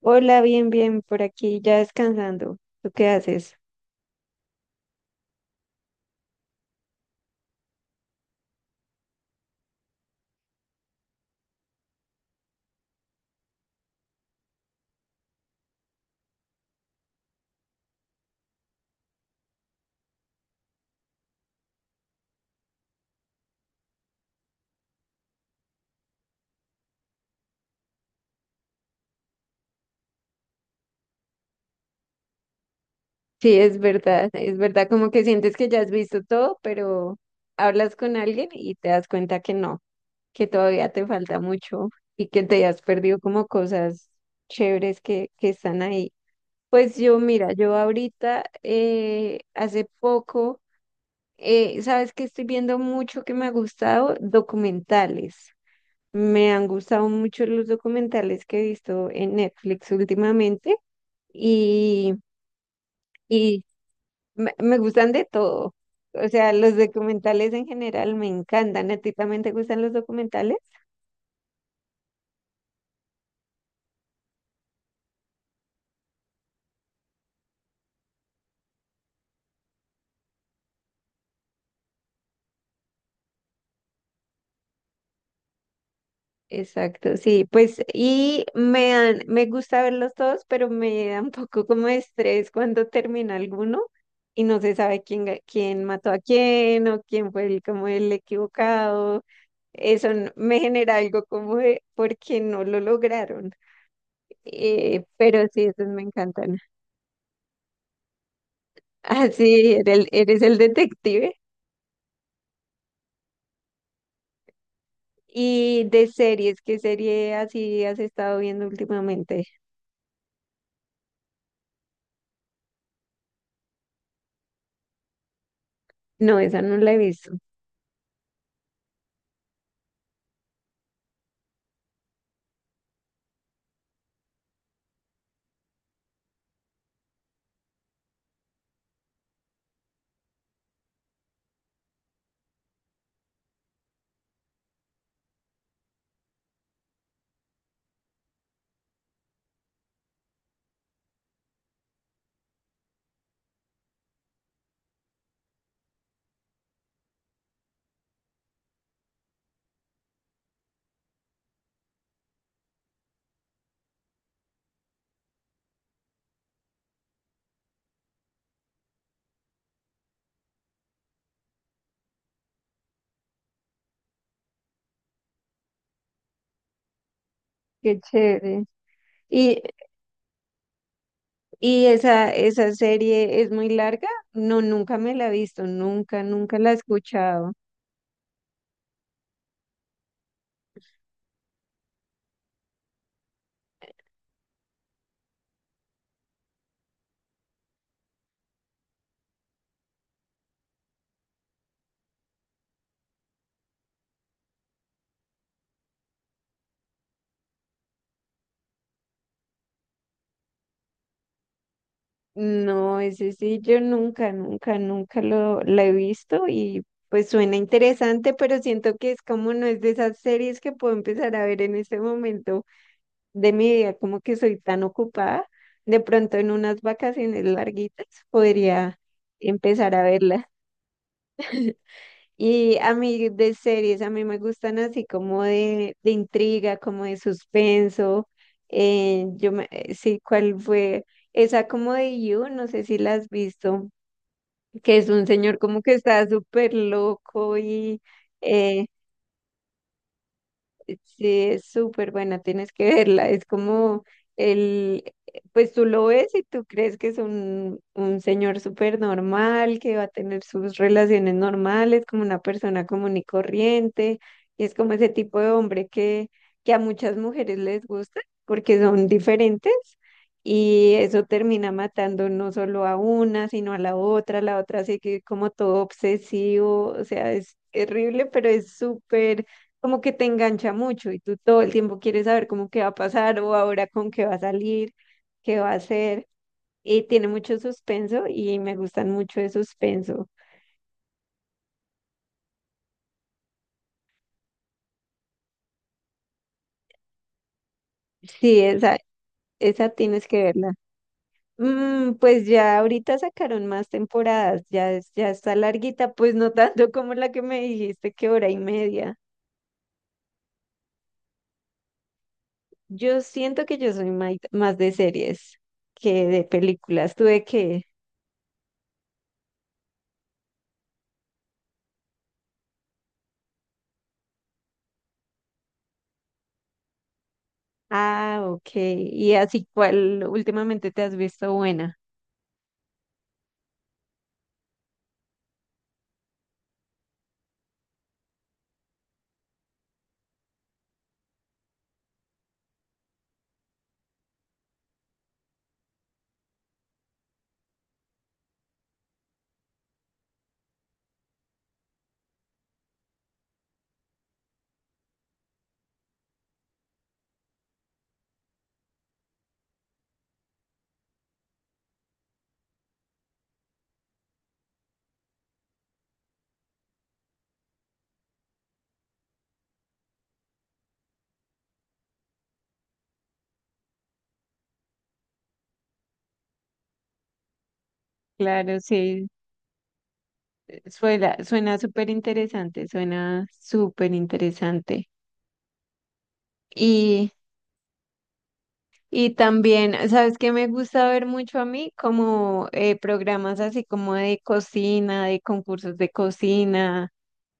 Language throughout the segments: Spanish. Hola, bien, bien, por aquí ya descansando. ¿Tú qué haces? Sí, es verdad, como que sientes que ya has visto todo, pero hablas con alguien y te das cuenta que no, que todavía te falta mucho y que te has perdido como cosas chéveres que están ahí. Pues yo, mira, yo ahorita, hace poco, sabes que estoy viendo mucho que me ha gustado, documentales. Me han gustado mucho los documentales que he visto en Netflix últimamente. y, y me gustan de todo. O sea, los documentales en general me encantan. ¿A ti también te gustan los documentales? Exacto, sí. Pues, me gusta verlos todos, pero me da un poco como de estrés cuando termina alguno y no se sabe quién, quién mató a quién o quién fue el, como el equivocado. Me genera algo como de porque no lo lograron. Pero sí, esos me encantan. Ah, sí, eres el detective. Y de series, ¿qué serie así has estado viendo últimamente? No, esa no la he visto. Qué chévere. Y, y esa, esa serie es muy larga. No, nunca me la he visto, nunca, nunca la he escuchado. No, ese sí, yo nunca, nunca, nunca lo la he visto y pues suena interesante, pero siento que es como no es de esas series que puedo empezar a ver en este momento de mi vida, como que soy tan ocupada, de pronto en unas vacaciones larguitas podría empezar a verla. Y a mí de series, a mí me gustan así como de intriga, como de suspenso. Sí, ¿cuál fue? Esa como de You, no sé si la has visto, que es un señor como que está súper loco y... eh, Sí, es súper buena, tienes que verla. Es como el, pues tú lo ves y tú crees que es un señor súper normal, que va a tener sus relaciones normales, como una persona común y corriente. Y es como ese tipo de hombre que a muchas mujeres les gusta porque son diferentes. Y eso termina matando no solo a una, sino a la otra. La otra sigue como todo obsesivo. O sea, es terrible, pero es súper como que te engancha mucho y tú todo el tiempo quieres saber cómo qué va a pasar o ahora con qué va a salir, qué va a hacer. Y tiene mucho suspenso y me gustan mucho de suspenso. Sí, esa tienes que verla. Mm, pues ya ahorita sacaron más temporadas, ya, ya está larguita, pues no tanto como la que me dijiste que hora y media. Yo siento que yo soy más de series que de películas. Tuve que... Ah, ok. ¿Y así cuál últimamente te has visto buena? Claro, sí, suena, suena súper interesante, suena súper interesante. Y, y también, ¿sabes qué me gusta ver mucho a mí? Como programas así como de cocina, de concursos de cocina,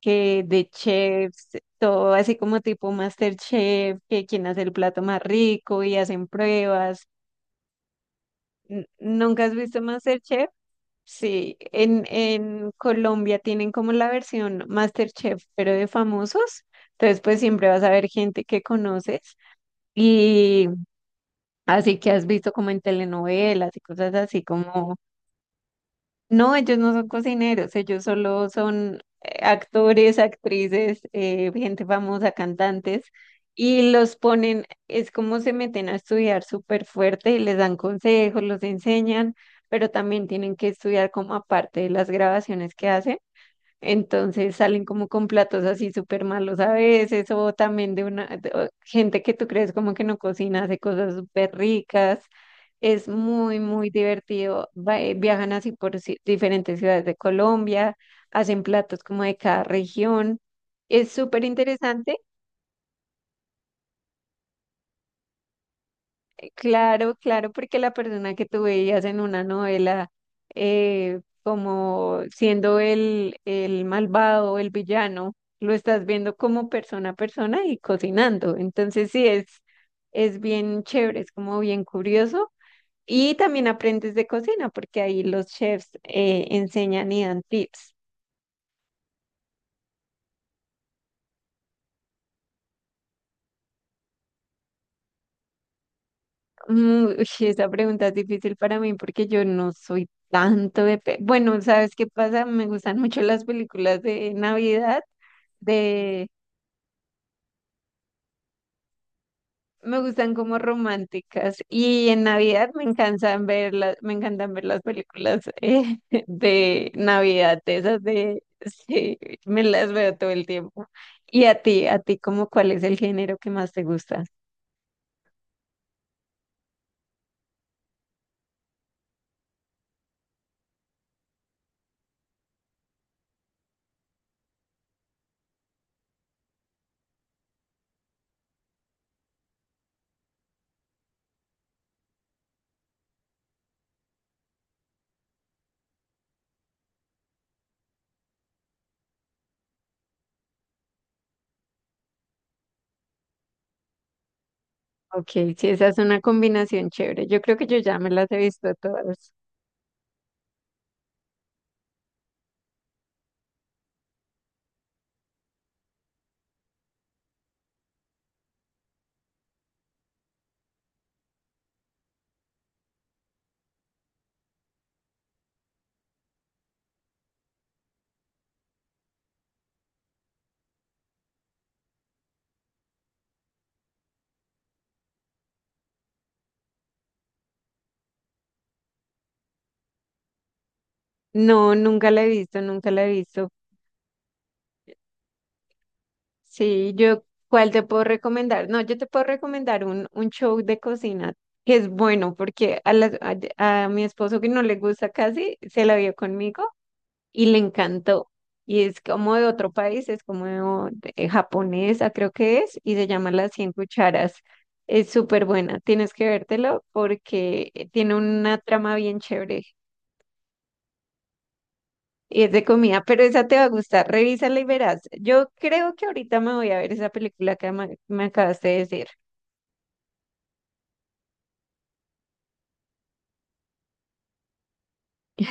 que de chefs, todo así como tipo MasterChef, que quién hace el plato más rico y hacen pruebas. ¿Nunca has visto MasterChef? Sí, en Colombia tienen como la versión MasterChef, pero de famosos. Entonces, pues siempre vas a ver gente que conoces y así que has visto como en telenovelas y cosas así como no, ellos no son cocineros, ellos solo son actores, actrices, gente famosa, cantantes, y los ponen, es como se meten a estudiar súper fuerte y les dan consejos, los enseñan, pero también tienen que estudiar como aparte de las grabaciones que hacen. Entonces salen como con platos así súper malos a veces, o también o gente que tú crees como que no cocina, hace cosas súper ricas. Es muy, muy divertido. Viajan así por diferentes ciudades de Colombia, hacen platos como de cada región. Es súper interesante. Claro, claro, porque la persona que tú veías en una novela como siendo el malvado, el villano, lo estás viendo como persona a persona y cocinando. Entonces sí, es bien chévere, es como bien curioso. Y también aprendes de cocina, porque ahí los chefs enseñan y dan tips. Mm, uy, esa pregunta es difícil para mí porque yo no soy tanto de... Bueno, ¿sabes qué pasa? Me gustan mucho las películas de Navidad, de me gustan como románticas y en Navidad me encantan ver las, me encantan ver las películas de Navidad, de esas de sí, me las veo todo el tiempo. Y a ti, ¿a ti cómo cuál es el género que más te gusta? Ok, sí, esa es una combinación chévere. Yo creo que yo ya me las he visto todas. No, nunca la he visto, nunca la he visto. Sí, yo, ¿cuál te puedo recomendar? No, yo te puedo recomendar un show de cocina que es bueno porque a mi esposo que no le gusta casi, se la vio conmigo y le encantó. Y es como de otro país, es como de japonesa, creo que es, y se llama Las 100 Cucharas. Es súper buena, tienes que vértelo porque tiene una trama bien chévere. Y es de comida, pero esa te va a gustar. Revísala y verás. Yo creo que ahorita me voy a ver esa película que me acabaste de decir.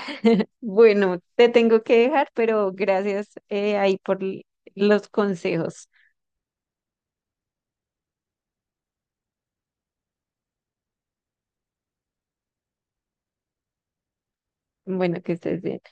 Bueno, te tengo que dejar, pero gracias ahí por los consejos. Bueno, que estés bien.